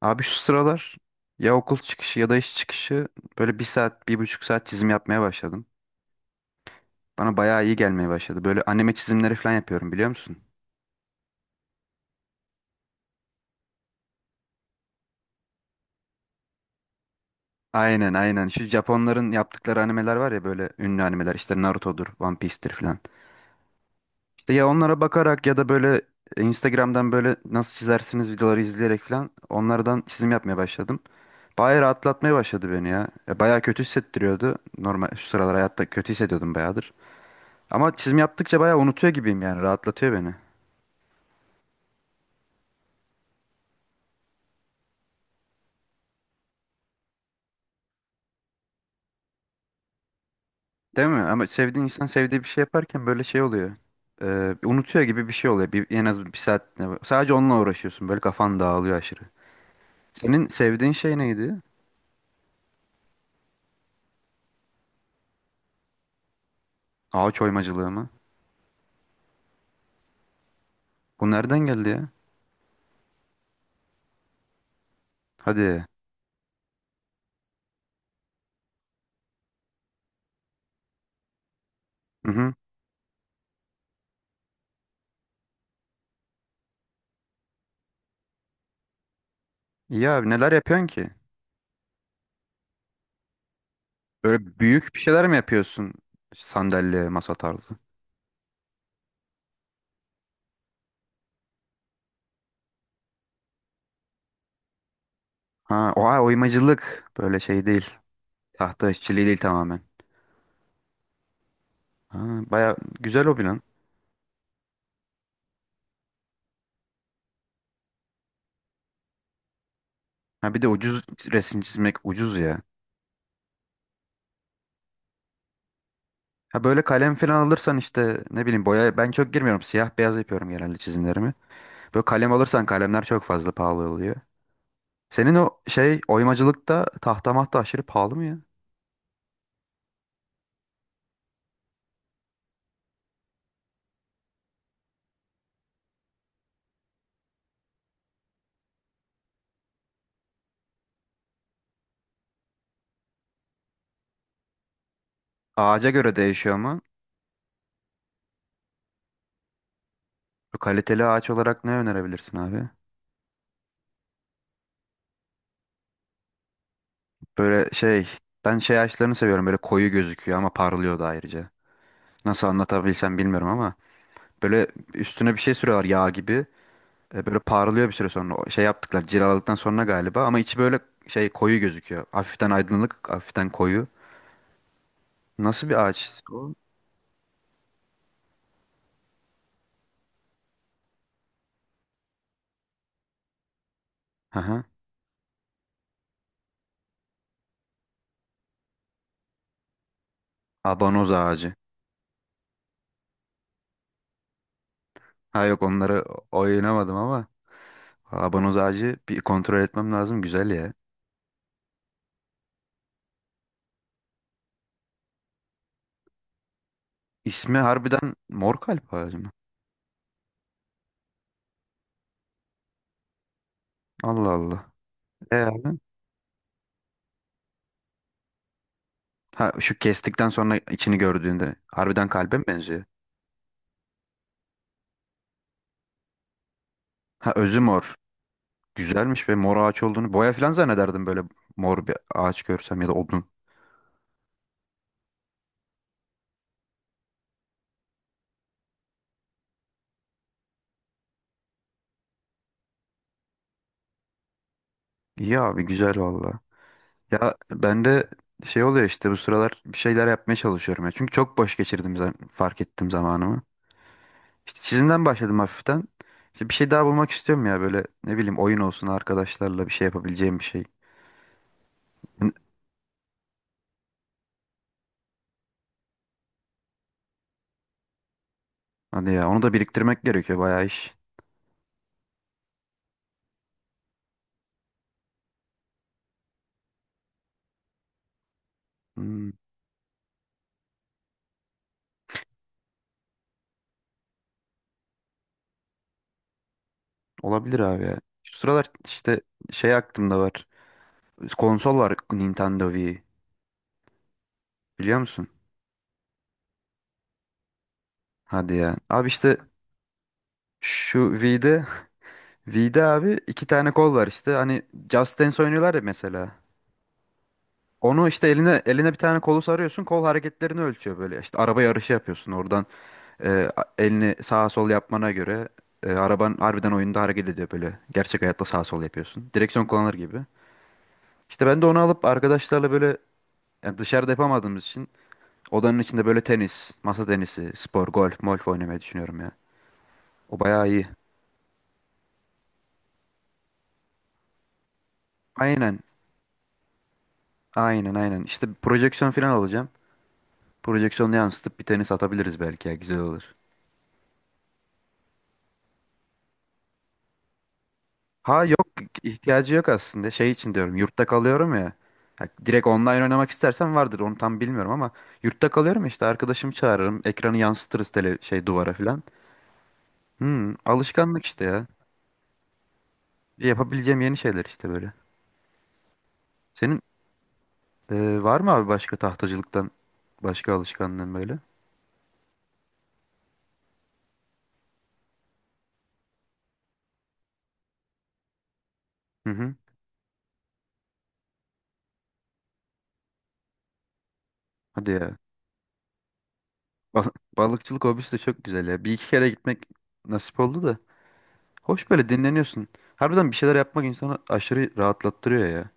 Abi şu sıralar ya okul çıkışı ya da iş çıkışı böyle bir saat, bir buçuk saat çizim yapmaya başladım. Bana bayağı iyi gelmeye başladı. Böyle anime çizimleri falan yapıyorum biliyor musun? Aynen aynen. Şu Japonların yaptıkları animeler var ya böyle ünlü animeler. İşte Naruto'dur, One Piece'tir falan. İşte ya onlara bakarak ya da böyle Instagram'dan böyle nasıl çizersiniz videoları izleyerek falan onlardan çizim yapmaya başladım. Bayağı rahatlatmaya başladı beni ya. Ya bayağı kötü hissettiriyordu. Normal şu sıralar hayatta kötü hissediyordum bayağıdır. Ama çizim yaptıkça bayağı unutuyor gibiyim yani rahatlatıyor beni. Değil mi? Ama sevdiğin insan sevdiği bir şey yaparken böyle şey oluyor. Unutuyor gibi bir şey oluyor. Bir, en az bir saat sadece onunla uğraşıyorsun. Böyle kafan dağılıyor aşırı. Senin sevdiğin şey neydi? Ağaç oymacılığı mı? Bu nereden geldi ya? Hadi. Hı hı. İyi abi neler yapıyorsun ki? Böyle büyük bir şeyler mi yapıyorsun? Sandalye, masa tarzı. Ha, oha oymacılık. Böyle şey değil. Tahta işçiliği değil tamamen. Ha, baya güzel o lan. Ha bir de ucuz resim çizmek ucuz ya. Ha böyle kalem falan alırsan işte ne bileyim boya ben çok girmiyorum. Siyah beyaz yapıyorum genelde çizimlerimi. Böyle kalem alırsan kalemler çok fazla pahalı oluyor. Senin o şey oymacılıkta tahta mahta aşırı pahalı mı ya? Ağaca göre değişiyor mu? Bu kaliteli ağaç olarak ne önerebilirsin abi? Böyle şey ben şey ağaçlarını seviyorum böyle koyu gözüküyor ama parlıyor da ayrıca. Nasıl anlatabilsem bilmiyorum ama böyle üstüne bir şey sürüyorlar yağ gibi. Böyle parlıyor bir süre sonra. O şey yaptıklar cilaladıktan sonra galiba ama içi böyle şey koyu gözüküyor. Hafiften aydınlık, hafiften koyu. Nasıl bir ağaç o? Aha, abanoz ağacı. Ha yok onları oynamadım ama abanoz ağacı bir kontrol etmem lazım. Güzel ya. İsmi harbiden mor kalp ağacı mı? Allah Allah. E abi? Ha şu kestikten sonra içini gördüğünde harbiden kalbe mi benziyor? Ha özü mor. Güzelmiş be mor ağaç olduğunu. Boya falan zannederdim böyle mor bir ağaç görsem ya da odun. İyi abi güzel valla. Ya ben de şey oluyor işte bu sıralar bir şeyler yapmaya çalışıyorum ya. Çünkü çok boş geçirdim fark ettim zamanımı. İşte çizimden başladım hafiften. İşte bir şey daha bulmak istiyorum ya böyle ne bileyim oyun olsun arkadaşlarla bir şey yapabileceğim bir şey. Hı, hadi ya onu da biriktirmek gerekiyor bayağı iş. Hmm, olabilir abi ya. Şu sıralar işte şey aklımda var. Konsol var Nintendo Wii. Biliyor musun? Hadi ya. Abi işte şu V'de V'de abi iki tane kol var işte. Hani Just Dance oynuyorlar ya mesela. Onu işte eline bir tane kolu sarıyorsun. Kol hareketlerini ölçüyor böyle. İşte araba yarışı yapıyorsun oradan. Elini sağa sol yapmana göre araban harbiden oyunda hareket ediyor böyle. Gerçek hayatta sağa sol yapıyorsun. Direksiyon kullanır gibi. İşte ben de onu alıp arkadaşlarla böyle yani dışarıda yapamadığımız için odanın içinde böyle tenis, masa tenisi, spor, golf, molf oynamayı düşünüyorum ya. O bayağı iyi. Aynen. Aynen aynen. İşte projeksiyon falan alacağım. Projeksiyonu yansıtıp bir tenis atabiliriz belki ya güzel olur. Ha yok ihtiyacı yok aslında. Şey için diyorum yurtta kalıyorum ya. Ha, direkt online oynamak istersen vardır onu tam bilmiyorum ama yurtta kalıyorum ya, işte arkadaşımı çağırırım. Ekranı yansıtırız tele şey duvara falan. Hmm, alışkanlık işte ya. Yapabileceğim yeni şeyler işte böyle. Senin var mı abi başka tahtacılıktan başka alışkanlığın böyle? Hı hı. Hadi ya. Bal- Balıkçılık hobisi de çok güzel ya. Bir iki kere gitmek nasip oldu da. Hoş böyle dinleniyorsun. Harbiden bir şeyler yapmak insanı aşırı rahatlattırıyor ya.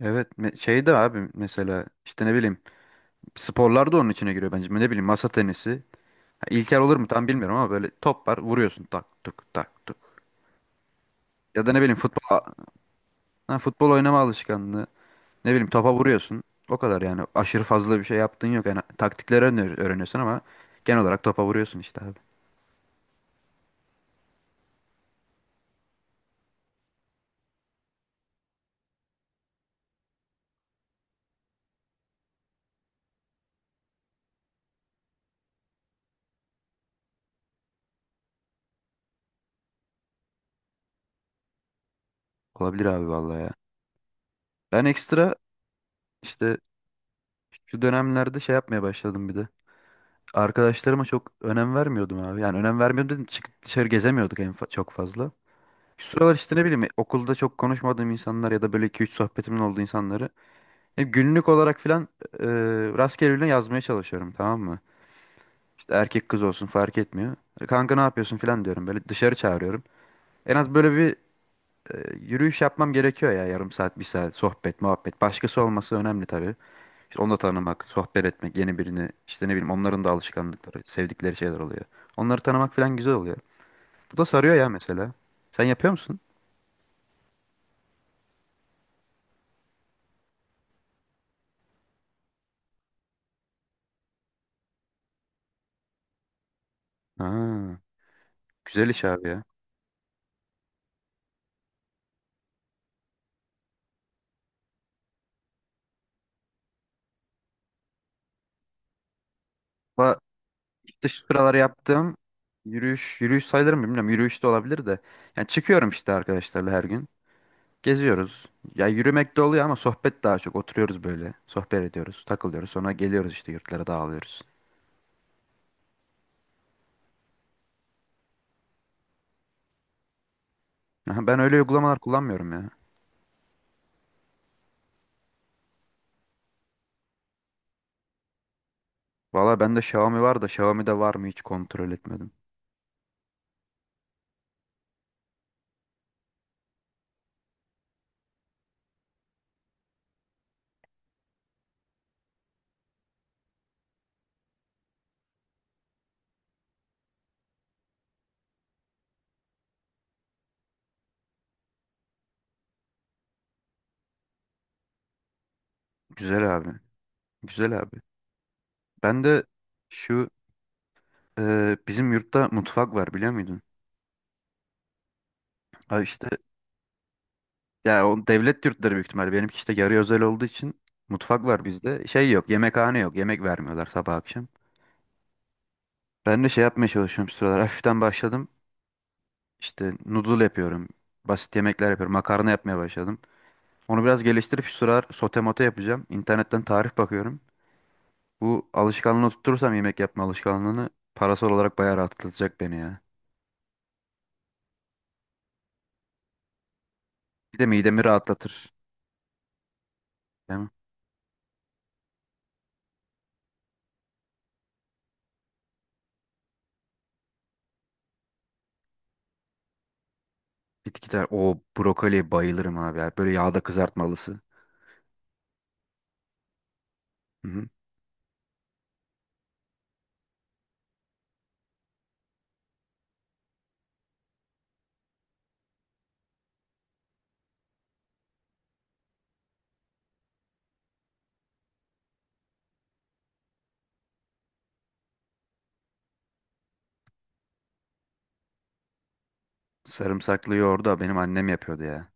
Evet şey de abi mesela işte ne bileyim sporlar da onun içine giriyor bence. Ne bileyim masa tenisi. Ha, İlkel olur mu tam bilmiyorum ama böyle top var vuruyorsun tak tuk tak tuk. Ya da ne bileyim futbol, ha, futbol oynama alışkanlığı. Ne bileyim topa vuruyorsun. O kadar yani aşırı fazla bir şey yaptığın yok. Yani taktikleri öğreniyorsun ama genel olarak topa vuruyorsun işte abi. Olabilir abi vallahi ya. Ben ekstra işte şu dönemlerde şey yapmaya başladım bir de. Arkadaşlarıma çok önem vermiyordum abi. Yani önem vermiyordum dedim çıkıp dışarı gezemiyorduk çok fazla. Şu sıralar işte ne bileyim okulda çok konuşmadığım insanlar ya da böyle iki üç sohbetimin olduğu insanları hep günlük olarak filan e, rastgele yazmaya çalışıyorum tamam mı? İşte erkek kız olsun fark etmiyor. Kanka ne yapıyorsun filan diyorum böyle dışarı çağırıyorum. En az böyle bir yürüyüş yapmam gerekiyor ya yarım saat bir saat sohbet muhabbet. Başkası olması önemli tabii. İşte onu da tanımak, sohbet etmek, yeni birini işte ne bileyim onların da alışkanlıkları, sevdikleri şeyler oluyor. Onları tanımak falan güzel oluyor. Bu da sarıyor ya mesela. Sen yapıyor musun? Ha, güzel iş abi ya. Va işte şu sıralar yaptığım yürüyüş, yürüyüş sayılır mı bilmiyorum. Yürüyüş de olabilir de. Yani çıkıyorum işte arkadaşlarla her gün. Geziyoruz. Ya yürümek de oluyor ama sohbet daha çok. Oturuyoruz böyle. Sohbet ediyoruz, takılıyoruz. Sonra geliyoruz işte yurtlara dağılıyoruz. Aha, ben öyle uygulamalar kullanmıyorum ya. Valla bende Xiaomi var da Xiaomi'de var mı hiç kontrol etmedim. Güzel abi. Güzel abi. Ben de şu bizim yurtta mutfak var biliyor muydun? Ha işte ya o devlet yurtları büyük ihtimalle. Benimki işte yarı özel olduğu için mutfak var bizde. Şey yok, yemekhane yok. Yemek vermiyorlar sabah akşam. Ben de şey yapmaya çalışıyorum şu sıralar. Hafiften başladım. İşte noodle yapıyorum. Basit yemekler yapıyorum. Makarna yapmaya başladım. Onu biraz geliştirip şu sıralar sote mote yapacağım. İnternetten tarif bakıyorum. Bu alışkanlığını tutturursam yemek yapma alışkanlığını parasal olarak bayağı rahatlatacak beni ya. Bir de midemi rahatlatır. Değil mi? Bitkiler. O brokoli bayılırım abi ya. Böyle yağda kızartmalısı. Hı hı. Sarımsaklı yoğurdu da benim annem yapıyordu ya.